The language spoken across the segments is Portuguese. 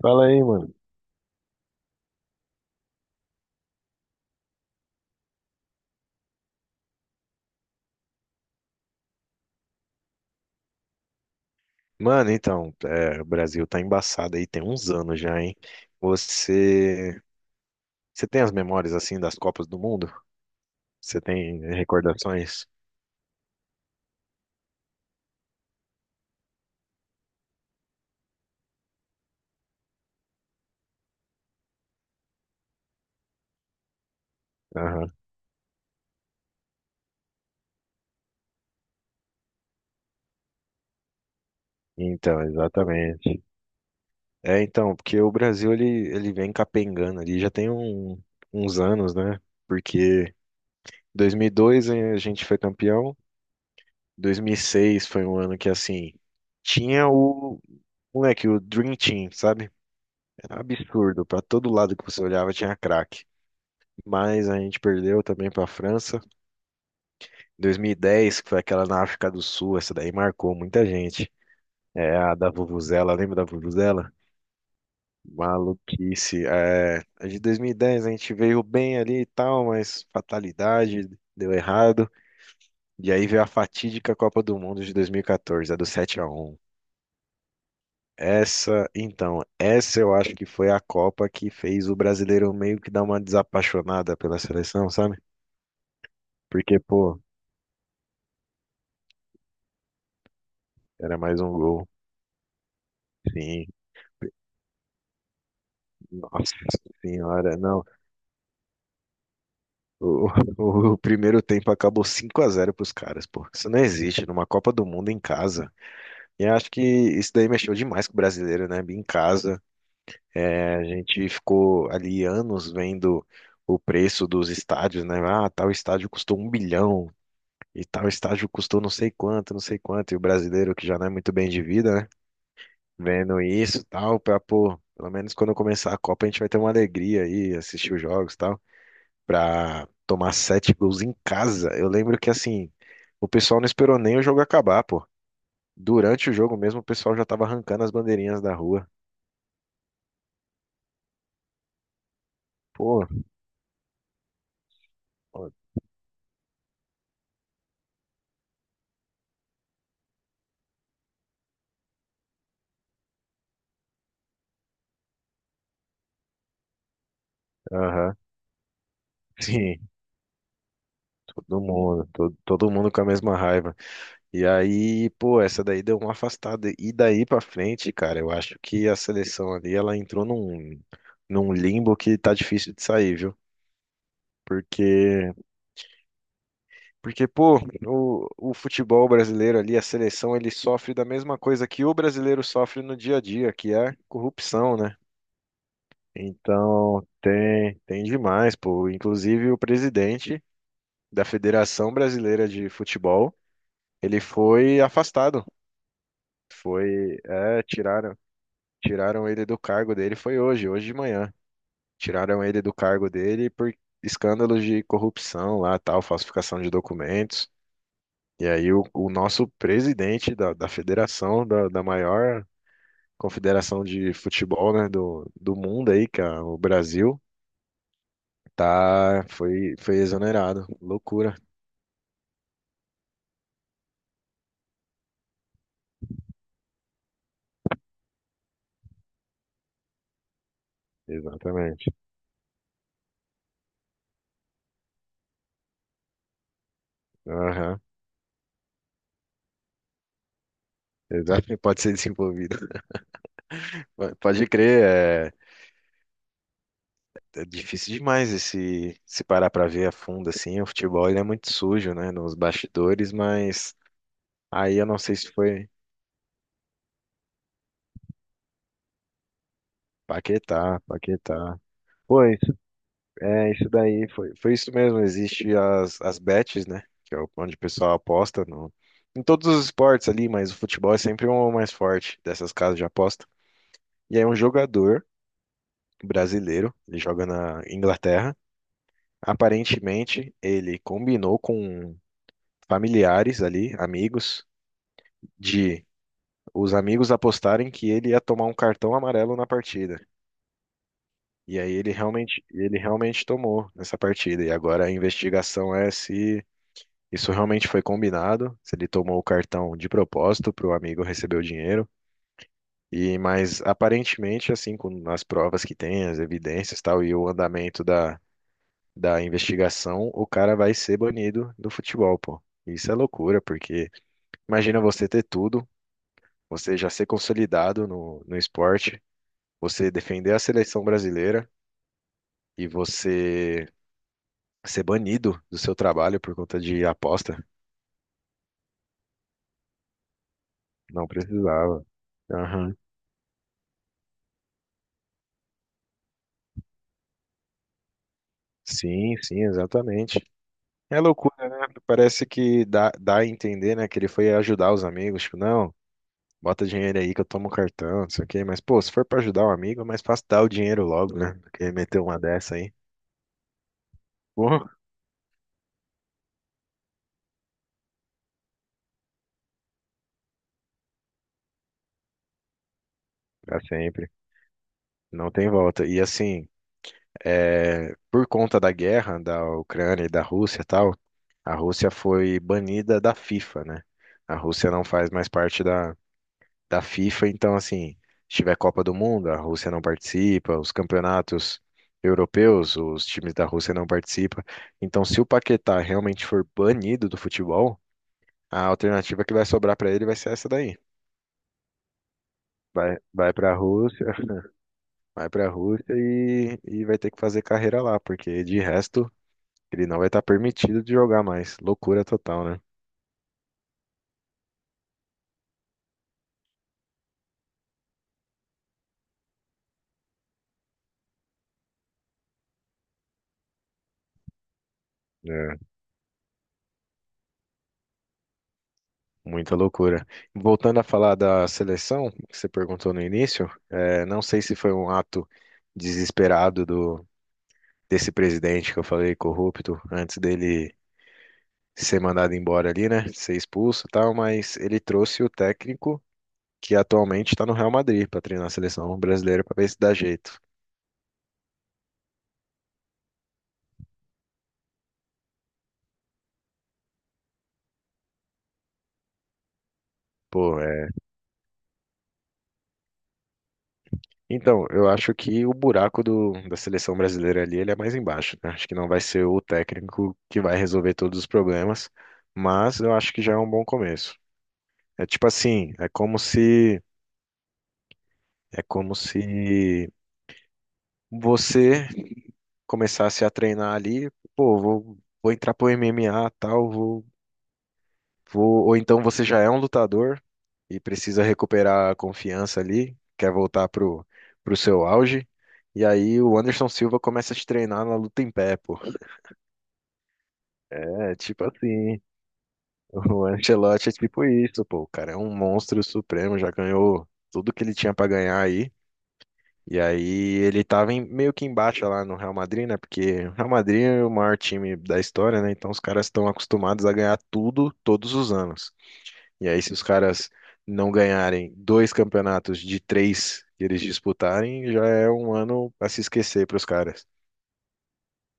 Fala aí, mano. Mano, então, o Brasil tá embaçado aí, tem uns anos já, hein? Você, você tem as memórias assim das Copas do Mundo? Você tem recordações? Aham. Então, exatamente. Porque ele vem capengando ali já uns anos, né? Porque 2002 a gente foi campeão. 2006 foi um ano que assim tinha o moleque, o Dream Team, sabe? Era absurdo, pra todo lado que você olhava tinha craque. Mas a gente perdeu também para a França. 2010, que foi aquela na África do Sul, essa daí marcou muita gente. É a da Vuvuzela, lembra da Vuvuzela? Maluquice. É, a de 2010 a gente veio bem ali e tal, mas fatalidade, deu errado. E aí veio a fatídica Copa do Mundo de 2014, a do 7-1. Essa, essa eu acho que foi a Copa que fez o brasileiro meio que dar uma desapaixonada pela seleção, sabe? Porque, pô, era mais um gol. Sim, Nossa Senhora, não. O, o primeiro tempo acabou 5 a 0 pros caras, pô. Isso não existe numa Copa do Mundo em casa. E eu acho que isso daí mexeu demais com o brasileiro, né? Em casa, é, a gente ficou ali anos vendo o preço dos estádios, né? Ah, tal estádio custou um bilhão e tal estádio custou não sei quanto, não sei quanto. E o brasileiro, que já não é muito bem de vida, né? Vendo isso, e tal, pra, pô, pelo menos quando começar a Copa a gente vai ter uma alegria aí, assistir os jogos, e tal, pra tomar 7 gols em casa. Eu lembro que, assim, o pessoal não esperou nem o jogo acabar, pô. Durante o jogo mesmo, o pessoal já tava arrancando as bandeirinhas da rua. Pô, aham. Sim, todo mundo com a mesma raiva. E aí, pô, essa daí deu uma afastada. E daí pra frente, cara, eu acho que a seleção ali, ela entrou num limbo que tá difícil de sair, viu? Porque Porque pô, o futebol brasileiro ali, a seleção, ele sofre da mesma coisa que o brasileiro sofre no dia a dia, que é corrupção, né? Então, tem demais, pô. Inclusive, o presidente da Federação Brasileira de Futebol, ele foi afastado. Foi, é, tiraram ele do cargo dele, foi hoje de manhã. Tiraram ele do cargo dele por escândalos de corrupção lá, tal, falsificação de documentos. E aí o nosso presidente da federação, da maior confederação de futebol, né, do mundo aí, que é o Brasil, tá, foi exonerado. Loucura. Exatamente. Aham. Exatamente. Pode ser desenvolvido. Pode crer, é, é difícil demais esse, se parar pra ver a fundo assim. O futebol ele é muito sujo, né, nos bastidores, mas aí eu não sei se foi Paquetá, Paquetá. Pô, é, isso daí foi, foi isso mesmo. Existe as bets, né? Onde o pessoal aposta no, em todos os esportes ali, mas o futebol é sempre o mais forte dessas casas de aposta. E aí um jogador brasileiro, ele joga na Inglaterra. Aparentemente, ele combinou com familiares ali, amigos, de os amigos apostarem que ele ia tomar um cartão amarelo na partida. E aí ele realmente tomou nessa partida. E agora a investigação é se isso realmente foi combinado, se ele tomou o cartão de propósito para o amigo receber o dinheiro. E mas aparentemente, assim, com as provas que tem, as evidências, e tal, e o andamento da investigação, o cara vai ser banido do futebol, pô. Isso é loucura, porque imagina você ter tudo, você já ser consolidado no esporte, você defender a seleção brasileira e você ser banido do seu trabalho por conta de aposta. Não precisava. Aham. Sim, sim, exatamente. É loucura, né? Parece que dá a entender, né, que ele foi ajudar os amigos, tipo, não, bota dinheiro aí que eu tomo o cartão, não sei o quê, mas, pô, se for pra ajudar um amigo, é mais fácil dar o dinheiro logo, né, do que meter uma dessa aí. Pô, pra sempre. Não tem volta. E assim, é, por conta da guerra da Ucrânia e da Rússia e tal, a Rússia foi banida da FIFA, né? A Rússia não faz mais parte da FIFA. Então, assim, se tiver Copa do Mundo, a Rússia não participa, os campeonatos europeus, os times da Rússia não participam. Então, se o Paquetá realmente for banido do futebol, a alternativa que vai sobrar para ele vai ser essa daí. Vai para a Rússia, vai para a Rússia e vai ter que fazer carreira lá, porque de resto ele não vai estar permitido de jogar mais. Loucura total, né? É. Muita loucura. Voltando a falar da seleção, que você perguntou no início, eh, não sei se foi um ato desesperado desse presidente que eu falei, corrupto, antes dele ser mandado embora ali, né? Ser expulso e tal, mas ele trouxe o técnico que atualmente está no Real Madrid para treinar a seleção brasileira para ver se dá jeito. Pô, então, eu acho que o buraco da seleção brasileira ali, ele é mais embaixo, né? Acho que não vai ser o técnico que vai resolver todos os problemas, mas eu acho que já é um bom começo. É tipo assim, é como se você começasse a treinar ali, pô, vou entrar pro MMA, tal, vou, vou, ou então você já é um lutador e precisa recuperar a confiança ali, quer voltar pro seu auge. E aí o Anderson Silva começa a te treinar na luta em pé, pô. É tipo assim, o Ancelotti é tipo isso, pô. O cara é um monstro supremo, já ganhou tudo que ele tinha pra ganhar aí. E aí ele meio que embaixo lá no Real Madrid, né? Porque o Real Madrid é o maior time da história, né? Então os caras estão acostumados a ganhar tudo todos os anos. E aí se os caras não ganharem dois campeonatos de três que eles disputarem, já é um ano pra se esquecer pros caras.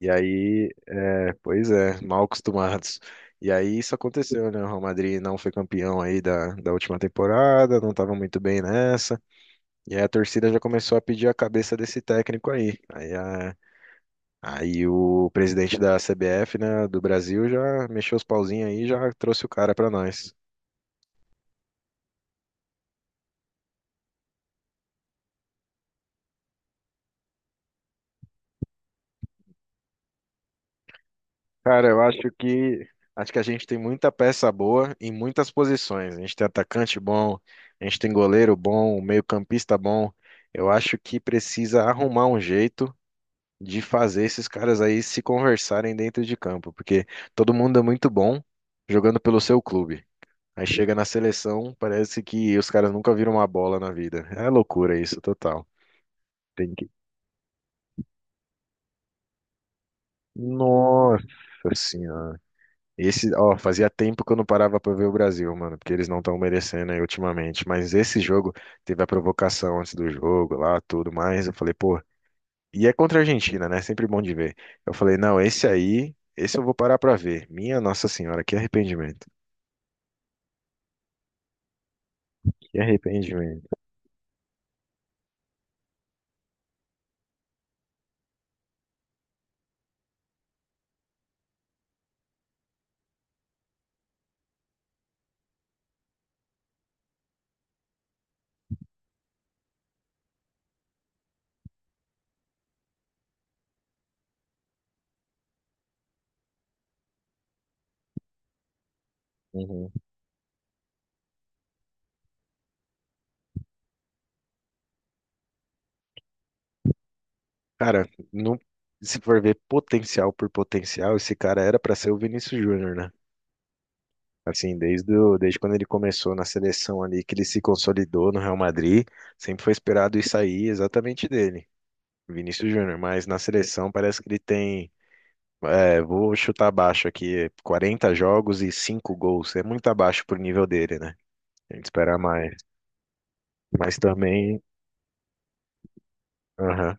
E aí, é, pois é, mal acostumados. E aí isso aconteceu, né? O Real Madrid não foi campeão aí da última temporada, não estava muito bem nessa. E aí a torcida já começou a pedir a cabeça desse técnico aí. Aí o presidente da CBF, né, do Brasil já mexeu os pauzinhos aí e já trouxe o cara para nós. Cara, eu acho que a gente tem muita peça boa em muitas posições. A gente tem atacante bom, a gente tem goleiro bom, um meio-campista bom. Eu acho que precisa arrumar um jeito de fazer esses caras aí se conversarem dentro de campo, porque todo mundo é muito bom jogando pelo seu clube. Aí chega na seleção, parece que os caras nunca viram uma bola na vida. É loucura isso, total. Tem que... Nossa Senhora. Esse, ó, fazia tempo que eu não parava pra ver o Brasil, mano, porque eles não estão merecendo aí ultimamente. Mas esse jogo teve a provocação antes do jogo lá, tudo mais. Eu falei, pô, e é contra a Argentina, né? Sempre bom de ver. Eu falei, não, esse aí, esse eu vou parar pra ver. Minha Nossa Senhora, que arrependimento. Que arrependimento. Uhum. Cara, não, se for ver potencial por potencial, esse cara era pra ser o Vinícius Júnior, né? Assim, desde quando ele começou na seleção ali, que ele se consolidou no Real Madrid, sempre foi esperado isso aí exatamente dele, Vinícius Júnior. Mas na seleção parece que ele tem, é, vou chutar abaixo aqui, 40 jogos e 5 gols. É muito abaixo pro nível dele, né? A gente espera mais. Mas também, aham,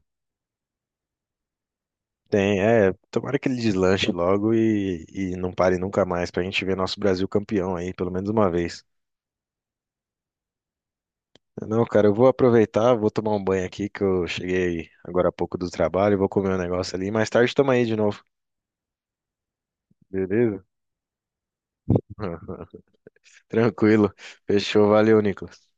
tem, é, tomara que ele deslanche logo e não pare nunca mais pra gente ver nosso Brasil campeão aí, pelo menos uma vez. Não, cara, eu vou aproveitar, vou tomar um banho aqui, que eu cheguei agora há pouco do trabalho, vou comer um negócio ali. Mais tarde tamo aí de novo, beleza? Tranquilo. Fechou, valeu, Nicolas.